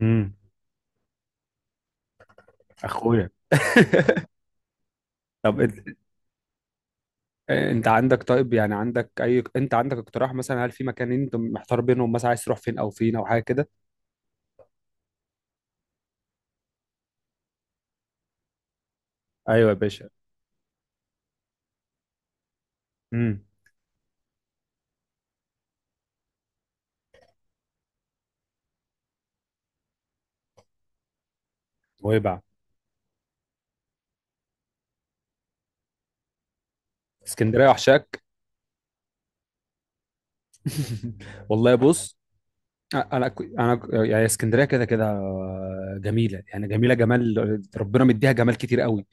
امم اخويا. طب انت عندك، طيب يعني عندك اي انت عندك اقتراح؟ مثلا هل في مكانين انت محتار بينهم؟ مثلا عايز تروح فين او فين او حاجه كده؟ ايوه يا باشا. امم. نويبع. اسكندريه وحشاك. والله بص، يعني اسكندريه كده كده جميله، يعني جميله، جمال ربنا مديها جمال كتير قوي.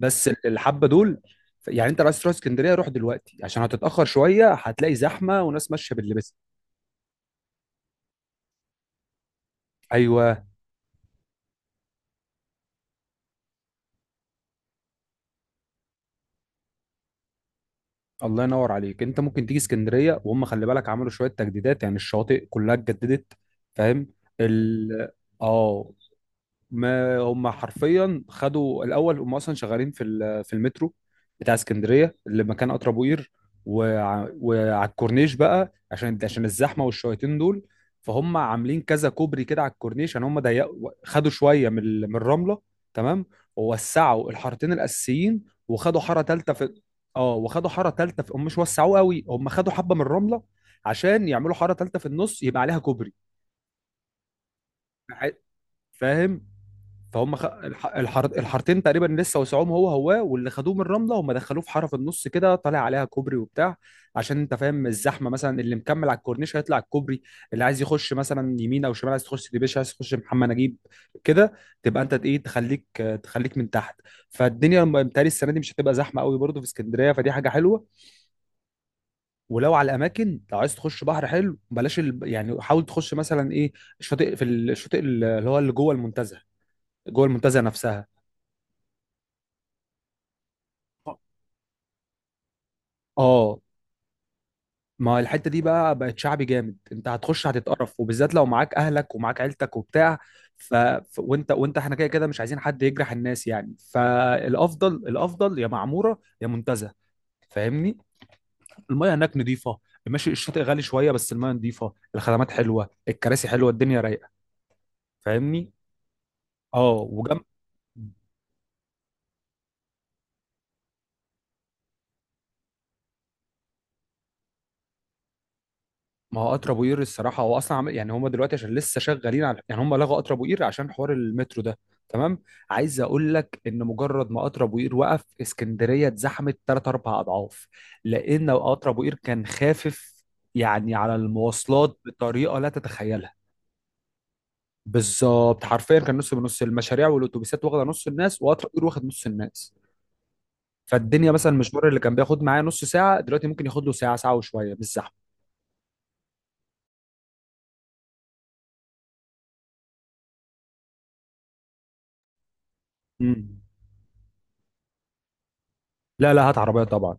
بس الحبه دول، يعني انت لو عايز تروح اسكندريه روح دلوقتي عشان هتتاخر شويه، هتلاقي زحمه وناس ماشيه باللبس. ايوه. الله ينور عليك. انت ممكن تيجي اسكندريه، وهم خلي بالك عملوا شويه تجديدات، يعني الشواطئ كلها اتجددت. فاهم؟ ال اه ما هم حرفيا خدوا الاول، هم اصلا شغالين في في المترو بتاع اسكندريه اللي مكان قطر ابو قير. وعلى الكورنيش بقى، عشان الزحمه والشويتين دول. فهم عاملين كذا كوبري كده على الكورنيش، يعني هم ضيقوا، خدوا شويه من الرمله. تمام. ووسعوا الحارتين الاساسيين وخدوا حاره ثالثه في اه وخدوا حاره ثالثه في. هم مش وسعوه قوي، هم خدوا حبه من الرمله عشان يعملوا حاره ثالثه في النص يبقى عليها كوبري. فاهم؟ فهم الحارتين تقريبا لسه وسعوهم هو هو، واللي خدوه من الرمله هم دخلوه في حاره في النص كده طالع عليها كوبري وبتاع. عشان انت فاهم الزحمه مثلا، اللي مكمل على الكورنيش هيطلع الكوبري، اللي عايز يخش مثلا يمين او شمال، عايز تخش ديبيش، عايز تخش محمد نجيب كده تبقى انت ايه؟ تخليك من تحت. فالدنيا متهيألي السنه دي مش هتبقى زحمه قوي برضه في اسكندريه، فدي حاجه حلوه. ولو على الاماكن، لو عايز تخش بحر حلو، بلاش يعني حاول تخش مثلا ايه، الشاطئ، في الشاطئ اللي هو اللي جوه المنتزه، جوه المنتزه نفسها. اه، ما الحته دي بقى بقت شعبي جامد، انت هتخش هتتقرف، وبالذات لو معاك اهلك ومعاك عيلتك وبتاع. ف... ف... وانت وانت احنا كده كده مش عايزين حد يجرح الناس يعني، فالافضل، الافضل يا معموره يا منتزه. فاهمني؟ المياه هناك نظيفه، ماشي الشاطئ غالي شويه بس المياه نظيفه، الخدمات حلوه، الكراسي حلوه، الدنيا رايقه. فاهمني؟ اه وجنب، ما هو قطر ابو قير الصراحه هو اصلا عمل يعني، هم دلوقتي عشان لسه شغالين على، يعني هم لغوا قطر ابو قير عشان حوار المترو ده. تمام. عايز اقول لك ان مجرد ما قطر ابو قير وقف، اسكندريه اتزحمت ثلاث اربع اضعاف، لان قطر ابو قير كان خافف، يعني على المواصلات بطريقه لا تتخيلها. بالظبط، حرفيا كان نص بنص، المشاريع والاتوبيسات واخده نص الناس، وقطر ابو قير واخد نص الناس. فالدنيا مثلا المشوار اللي كان بياخد معايا نص ساعه، دلوقتي ممكن ياخد له ساعه، ساعه وشويه بالزحمه. مم. لا لا، هات عربيه طبعا.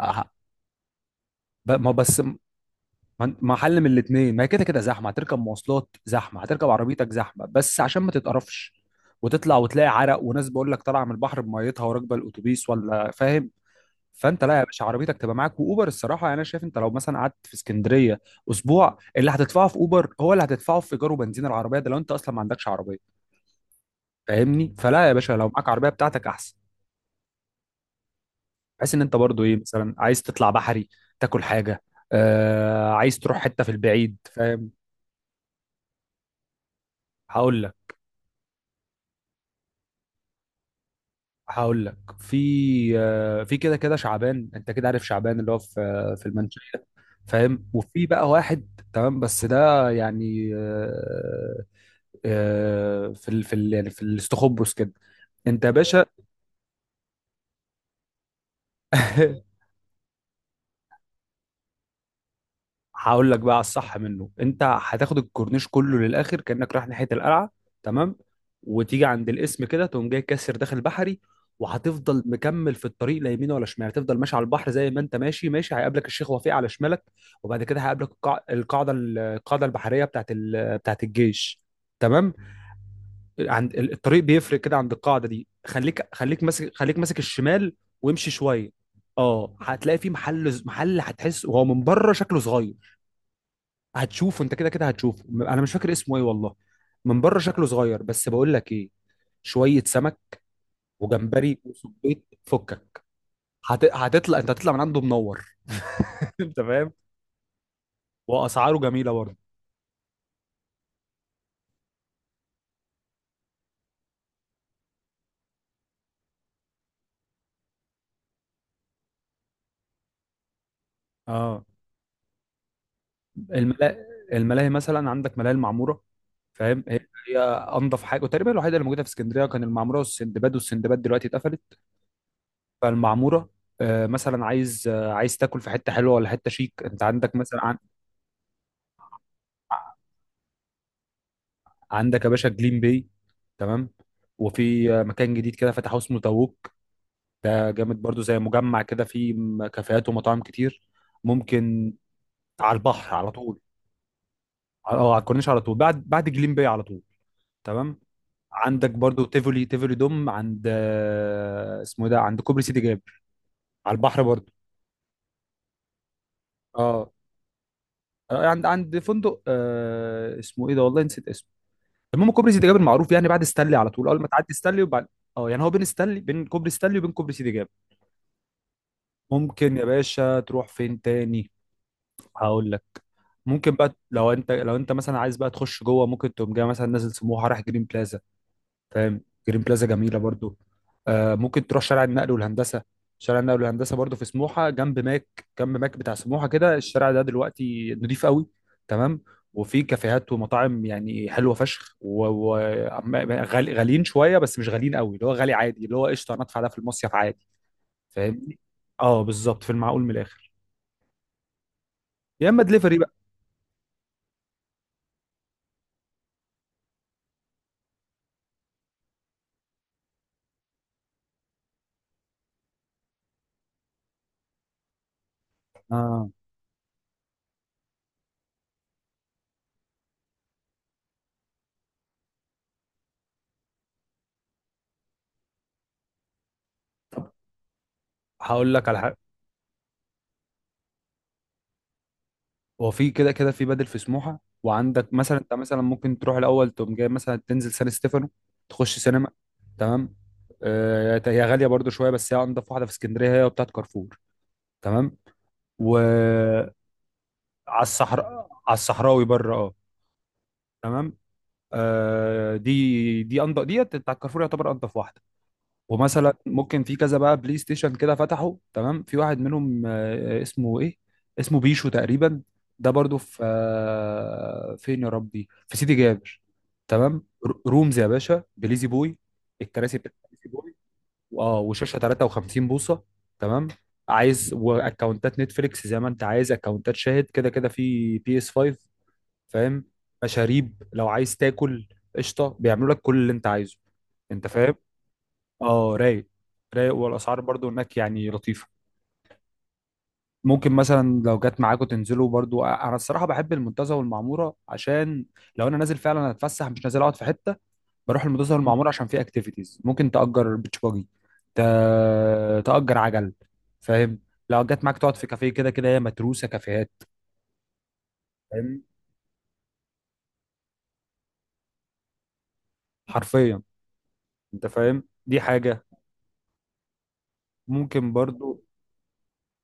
أه، ما بس، ما حل من الاثنين، ما هي كده كده زحمه، هتركب مواصلات زحمه، هتركب عربيتك زحمه، بس عشان ما تتقرفش وتطلع وتلاقي عرق وناس بقول لك طالعه من البحر بميتها وراكبه الاتوبيس، ولا فاهم؟ فانت لا يا باشا، عربيتك تبقى معاك واوبر. الصراحه يعني انا شايف انت لو مثلا قعدت في اسكندريه اسبوع، اللي هتدفعه في اوبر هو اللي هتدفعه في ايجار وبنزين العربيه، ده لو انت اصلا ما عندكش عربيه. فاهمني؟ فلا يا باشا، لو معاك عربيه بتاعتك احسن، بحيث ان انت برضو ايه، مثلا عايز تطلع بحري تاكل حاجه، آه عايز تروح حته في البعيد، فاهم؟ هقول لك هقول لك في كده كده شعبان، انت كده عارف شعبان اللي هو في المنشية. فاهم؟ وفي بقى واحد تمام، بس ده يعني، آه، آه، في ال في ال يعني في الاستخبص كده، انت يا باشا. هقول لك بقى على الصح منه. انت هتاخد الكورنيش كله للاخر كانك رايح ناحيه القلعه. تمام. وتيجي عند الاسم كده تقوم جاي كاسر داخل بحري، وهتفضل مكمل في الطريق لا يمين ولا شمال، هتفضل ماشي على البحر زي ما انت ماشي. ماشي، هيقابلك الشيخ وفيق على شمالك، وبعد كده هيقابلك القاعده البحريه بتاعت الجيش. تمام. عند الطريق بيفرق كده عند القاعده دي، خليك، خليك ماسك الشمال، وامشي شويه. اه، هتلاقي في محل، محل هتحس وهو من بره شكله صغير، هتشوفه انت كده كده هتشوفه. انا مش فاكر اسمه ايه والله، من بره شكله صغير بس. بقول لك ايه، شويه سمك وجمبري وصبيط، فكك. هت... هتطلع انت هتطلع من عنده منور. انت فاهم؟ واسعاره جميله برضه. اه، الملاهي، الملاهي مثلا عندك ملاهي المعموره، فاهم؟ هي انضف حاجه وتقريبا الوحيده اللي موجوده في اسكندريه، كان المعموره والسندباد، والسندباد دلوقتي اتقفلت. فالمعموره، مثلا عايز تاكل في حته حلوه ولا حته شيك، انت عندك مثلا عندك يا باشا جليم باي. تمام. وفي مكان جديد كده فتحوه اسمه تاووك، ده جامد برضو، زي مجمع كده فيه كافيهات ومطاعم كتير، ممكن. على البحر على طول. اه، على الكورنيش على طول بعد جليم باي على طول. تمام. عندك برضو تيفولي، تيفولي دوم عند اسمه إيه ده، عند كوبري سيدي جابر، على البحر برضو. اه. عند فندق اسمه ايه ده والله نسيت اسمه، المهم كوبري سيدي جابر معروف يعني بعد ستانلي على طول، اول ما تعدي ستانلي وبعد، اه، يعني هو بين كوبري ستانلي وبين كوبري سيدي جابر. ممكن يا باشا تروح فين تاني، هقول لك. ممكن بقى، لو انت مثلا عايز بقى تخش جوه، ممكن تقوم جاي مثلا نازل سموحه رايح جرين بلازا، فاهم؟ جرين بلازا جميله برضو. آه ممكن تروح شارع النقل والهندسه، شارع النقل والهندسه برضو في سموحه، جنب ماك، جنب ماك بتاع سموحه كده، الشارع ده دلوقتي نضيف قوي. تمام. وفي كافيهات ومطاعم يعني حلوه فشخ، وغاليين شويه بس مش غاليين قوي، اللي هو غالي عادي، اللي هو قشطه انا ادفع ده في المصيف عادي. فاهمني؟ اه، بالظبط، في المعقول من الاخر، يا اما دليفري بقى. اه، هقول لك على حاجه. هو في كده كده في بدل في سموحه، وعندك مثلا انت مثلا ممكن تروح الاول تقوم جاي مثلا تنزل سان ستيفانو، تخش سينما. تمام. هي غاليه برضو شويه، بس هي انضف واحده في اسكندريه، هي بتاعت كارفور. تمام. وعلى الصحراء على الصحراوي بره، اه. تمام. دي انضف، ديت بتاعت كارفور، يعتبر انضف واحده. ومثلا ممكن في كذا بقى بلاي ستيشن كده فتحوا تمام، في واحد منهم، اسمه ايه، اسمه بيشو تقريبا، ده برضو في فين يا ربي، في سيدي جابر. تمام. رومز يا باشا، بليزي بوي. الكراسي بتاعت بليزي بوي، اه، وشاشه 53 بوصه. تمام. عايز واكونتات نتفليكس زي ما انت عايز، اكونتات شاهد كده كده في بي اس 5. فاهم؟ مشاريب، لو عايز تاكل قشطه بيعملوا لك كل اللي انت عايزه. انت فاهم؟ اه، رايق، رايق، والاسعار برضو هناك يعني لطيفه. ممكن مثلا لو جت معاكم تنزلوا برضو، انا الصراحه بحب المنتزه والمعموره عشان لو انا نازل فعلا اتفسح مش نازل اقعد في حته، بروح المنتزه والمعموره عشان في اكتيفيتيز، ممكن تاجر بيتش باجي، ت... تاجر عجل، فاهم؟ لو جت معاك تقعد في كافيه، كده كده هي متروسه كافيهات، فاهم؟ حرفيا. انت فاهم، دي حاجه، ممكن برضو.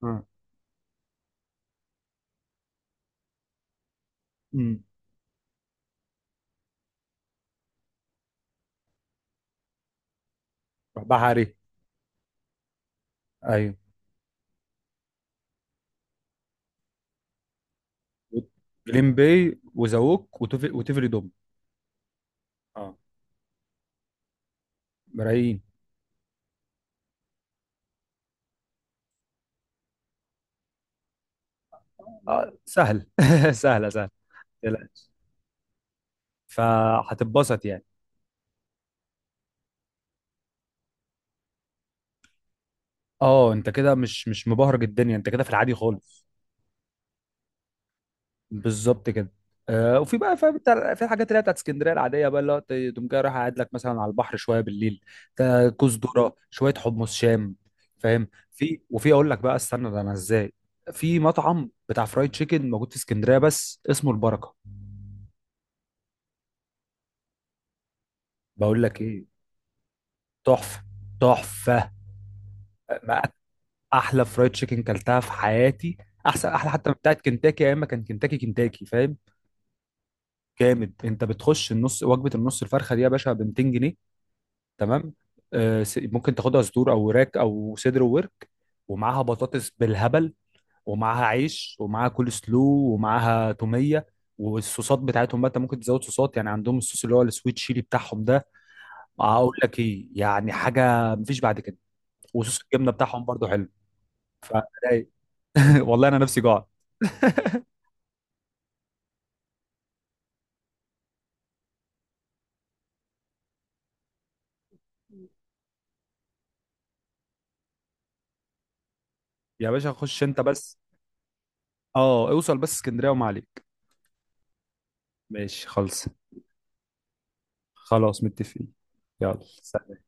اه. امم. بحري. ايوه، جليم باي وزووك وتفري دوم. اه، ملايين. آه، سهل. سهله سهله. ما تقلقش، فهتتبسط يعني. اه، انت كده مش، مش مبهرج الدنيا، انت كده في العادي خالص. بالظبط كده. آه، وفي بقى فاهم انت، في الحاجات اللي هي بتاعت اسكندريه العاديه بقى، اللي هو تقوم جاي رايح قاعد لك مثلا على البحر شويه بالليل، كوز ذره، شويه حمص شام، فاهم؟ في، وفي اقول لك بقى، استنى ده انا ازاي، في مطعم بتاع فرايد تشيكن موجود في اسكندريه بس اسمه البركه. بقول لك ايه، تحفه، تحفه، احلى فرايد تشيكن كلتها في حياتي، احسن، احلى حتى من بتاعه كنتاكي، يا اما كان كنتاكي كنتاكي، فاهم؟ جامد. انت بتخش النص وجبه، النص الفرخه دي يا باشا ب 200 جنيه. تمام. ممكن تاخدها صدور او وراك او صدر وورك، ومعاها بطاطس بالهبل، ومعاها عيش، ومعاها كول سلو، ومعاها توميه. والصوصات بتاعتهم بقى انت ممكن تزود صوصات، يعني عندهم الصوص اللي هو السويت تشيلي بتاعهم ده، اقول لك ايه؟ يعني حاجه مفيش بعد كده. وصوص الجبنه بتاعهم برضو حلو. والله انا نفسي جوعت. يا باشا خش انت بس، اه، اوصل بس اسكندريه وما عليك. ماشي، خلص. خلاص متفقين. يلا سلام.